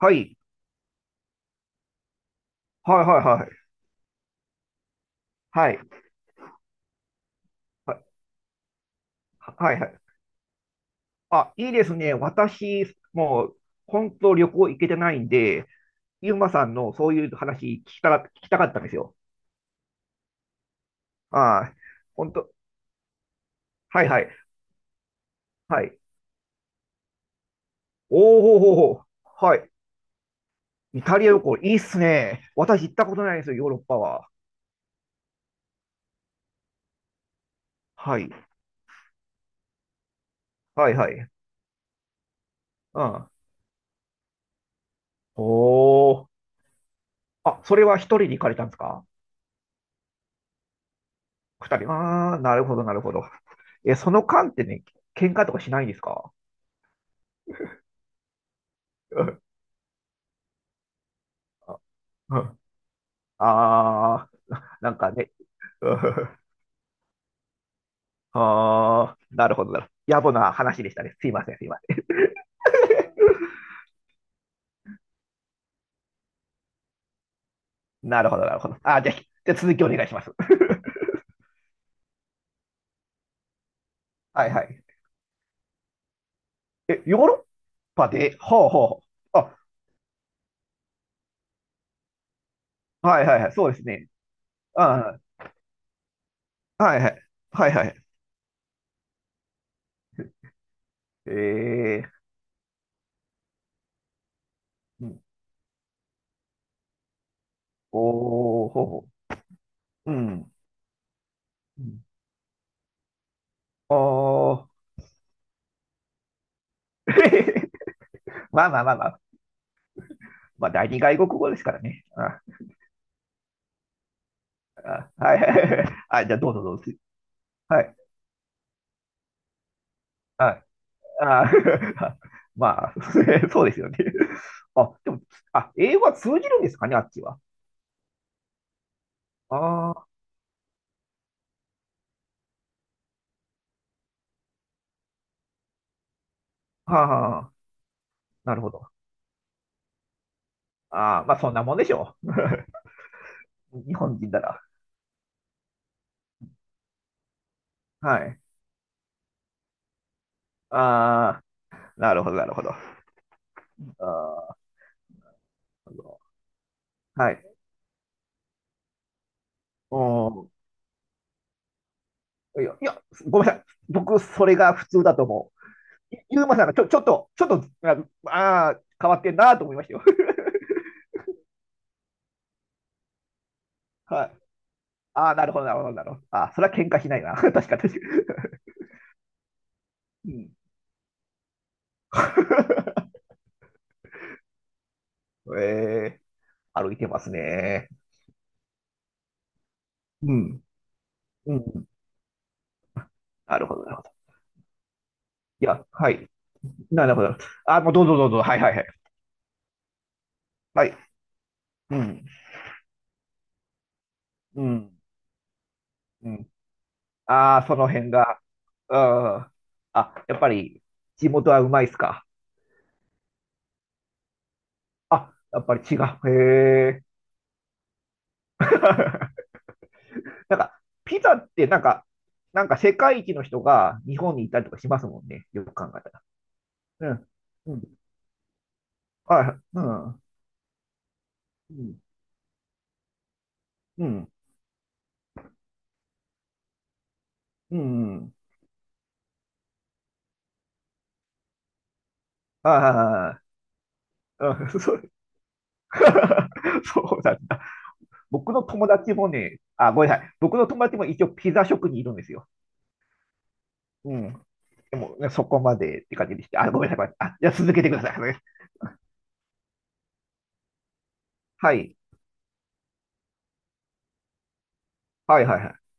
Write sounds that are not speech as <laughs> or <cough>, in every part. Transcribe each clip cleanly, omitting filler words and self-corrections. はい。はいはいはい。はい。はいはい。あ、いいですね。私、もう、本当旅行行けてないんで、ゆうまさんのそういう話聞きたかったんですよ。ああ、本当。はいはい。はい。おおほーほーほー。はい。イタリア旅行、いいっすね。私行ったことないんですよ、ヨーロッパは。はい。はいはい。うん。おお。あ、それは一人に行かれたんですか？二人。ああ、なるほど、なるほど。え、その間ってね、喧嘩とかしないんですか？うん。うん。あー、なんかね。うん。あー、なるほど、なるほど。野暮な話でしたね。すいません、すいません。なるほど、なるほど。あー、じゃあ、じゃあ続きお願いします。<laughs> はいはい。え、ヨーロッパで、ほうほうほう。あ、はいはいはい、そうですね。あーはいはい。はいはい。えー、うん、おー、ほうほう。うん。うん。おー。<laughs> まあまあまあまあ。まあ、第二外国語ですからね。あ、あ、はいはいはい。あ、じゃあどうぞどうぞ。はい。はい。あー。 <laughs> まあ、<laughs> そうですよね。あ、でも、あ、英語は通じるんですかね、あっちは。ああ、はあはあ、なるほど。ああ、まあそんなもんでしょう。<laughs> 日本人なら。はい。ああ、なるほど、なるほど。ああ、なるほど。はい。おー。いや、いや、ごめんなさい。僕、それが普通だと思う。ゆうまさんがちょっと、ちょっと、ああー、変わってんなと思いましたよ。<laughs> はい。ああ、なるほど、なるほど、なるほど。ああ、それは喧嘩しないな。<laughs> 確か、確か。うん。えー、歩いてますね。うん。うん。なるほど、なるほど。いや、はい。なるほど。あ、もうどうぞどうぞ。はいはいはい。はい。うん。うん。うん。ああ、その辺が。うん。あ、やっぱり、地元はうまいっすか。あ、やっぱり違う。へえ。<laughs> なんか、ピザってなんか、なんか世界一の人が日本にいたりとかしますもんね。よく考えたら。うん。うん。はい。うん。うん。うん。うん。ああ。うん。そう、 <laughs> そうなんだ。僕の友達もね、あ、ごめんなさい。僕の友達も一応ピザ職にいるんですよ。うん。でも、ね、そこまでって感じでして。あ、ごめんなさい。ごめんなさい。あ、じゃあ続けてください。はい。はいはいはい。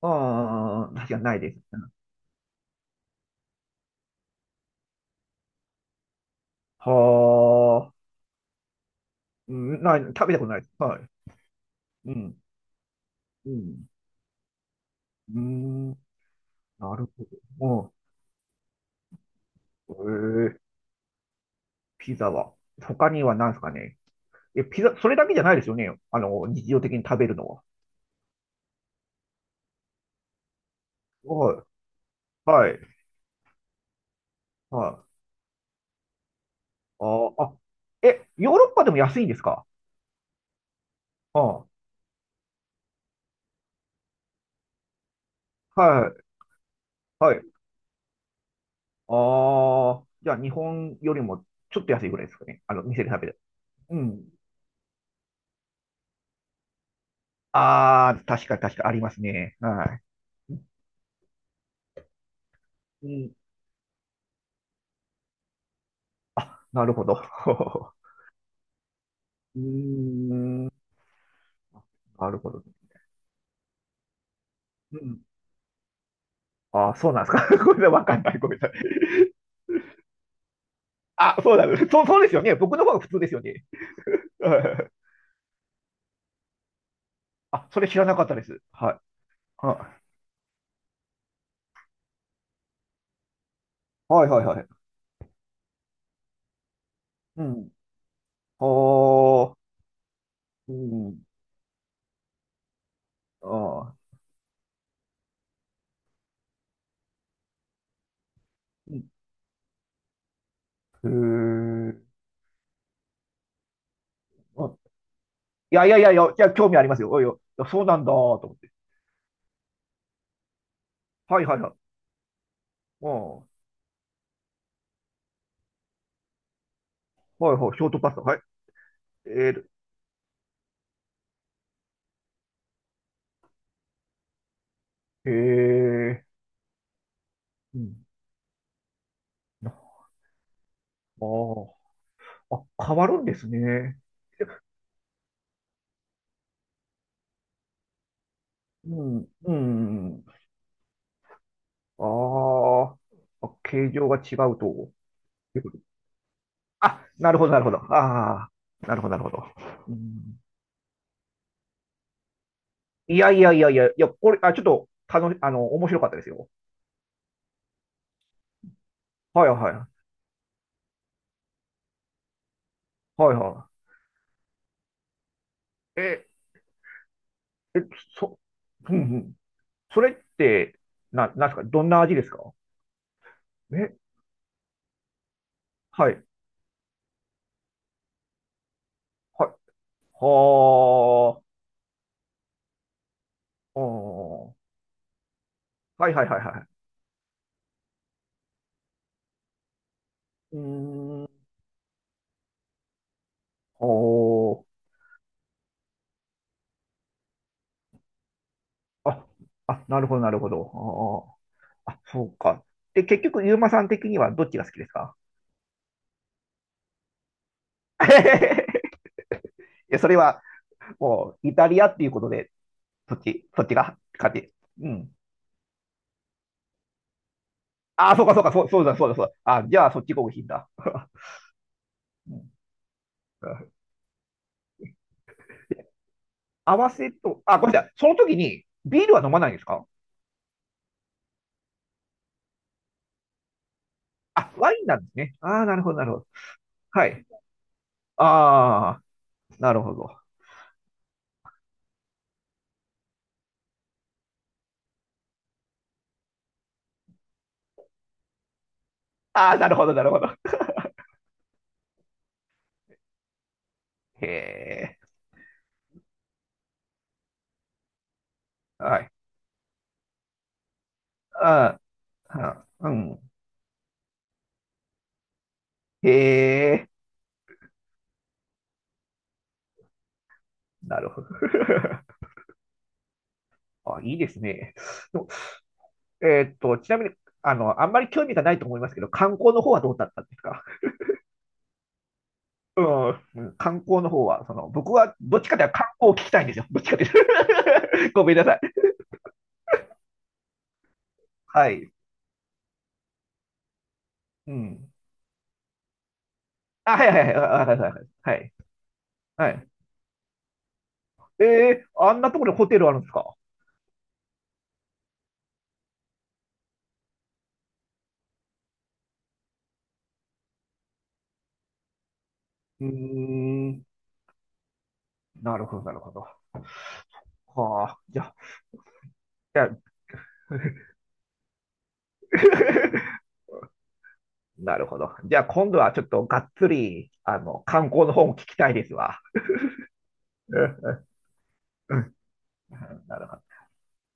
ああ、確かにないです。はあ、うん、ない、食べたことないです。はい。うん。うん。うん。なるほど。うん。ええ。ピザは。他には何ですかね。え、ピザ、それだけじゃないですよね。あの、日常的に食べるのは。はい。はい。はい。あーあ、え、ヨーロッパでも安いんですか？ああ、はい、はい。ああ、じゃあ日本よりもちょっと安いぐらいですかね。あの、店で食べる。うん。ああ、確かに確かにありますね。はい。うん、なるほど。<laughs> うーん、なるほどね。うん。ああ、そうなんですか。<laughs> ごめんなさい、わかんない。ごめんなさい。あ、そうなんです。そう、そうですよね。僕の方が普通ですよね。<laughs> はい。あ、それ知らなかったです。はい。はい、はい、はいはい。うん。ああ、うん。ああ。うん。へえ。あ。いやいやいやいや、いや興味ありますよ。おいよ。いやそうなんだ、と思って。はいはいはい。うん。はいはい、ショートパスタ。はい。えー、ええ。うん。ああ。あ、変わるんですね。うん、うん。ああ。あ、形状が違うと。いうこと。あ、なるほど、なるほど。ああ。なるほど、なるほど。うん。いやいやいやいや、いや、これ、あ、ちょっと、楽し、あの、面白かったですよ。はいはい。はいはい。ええ、そ、うんうん。それって、なんですかどんな味ですか？え、はい。はい。はあ。うん。はいはいはいはい。うーん。おー。あ、あ、なるほどなるほど。あー、あ、そうか。で、結局、ユーマさん的にはどっちが好きですか？ <laughs> いや、それは、もう、イタリアっていうことで、そっち、そっちが勝ち。うん。ああ、そうかそうか、そう、そうだそうだそうだ。あ、じゃあ、そっちが美味しいんだ。<laughs> うん。合わせと、あ、ごめんなさい。その時にビールは飲まないんですか？あ、ワインなんですね。ああ、なるほど、なるほど。はい。ああ、なるほど。ああ、なるほど、なるほど。へえ。はい。ああ、うん。へえ。なるほど。<laughs> あ、いいですね。の。ちなみに、あの、あんまり興味がないと思いますけど、観光の方はどうだったんですか？うん、うん。観光の方は、その、僕はどっちかというと観光を聞きたいんですよ。どっちかというと。<laughs> ごめんなさい。はい。うん。あ、はいはいはい、あ、はいはい。はいはい。ええー、あんなところにホテルあるんですか？うーん。なるほど、なるほど。はあ、じゃあ、じゃあ。 <laughs> なるほど。じゃあ今度はちょっとがっつり、あの、観光の方も聞きたいですわ。うん。うん。 <laughs> なるほど。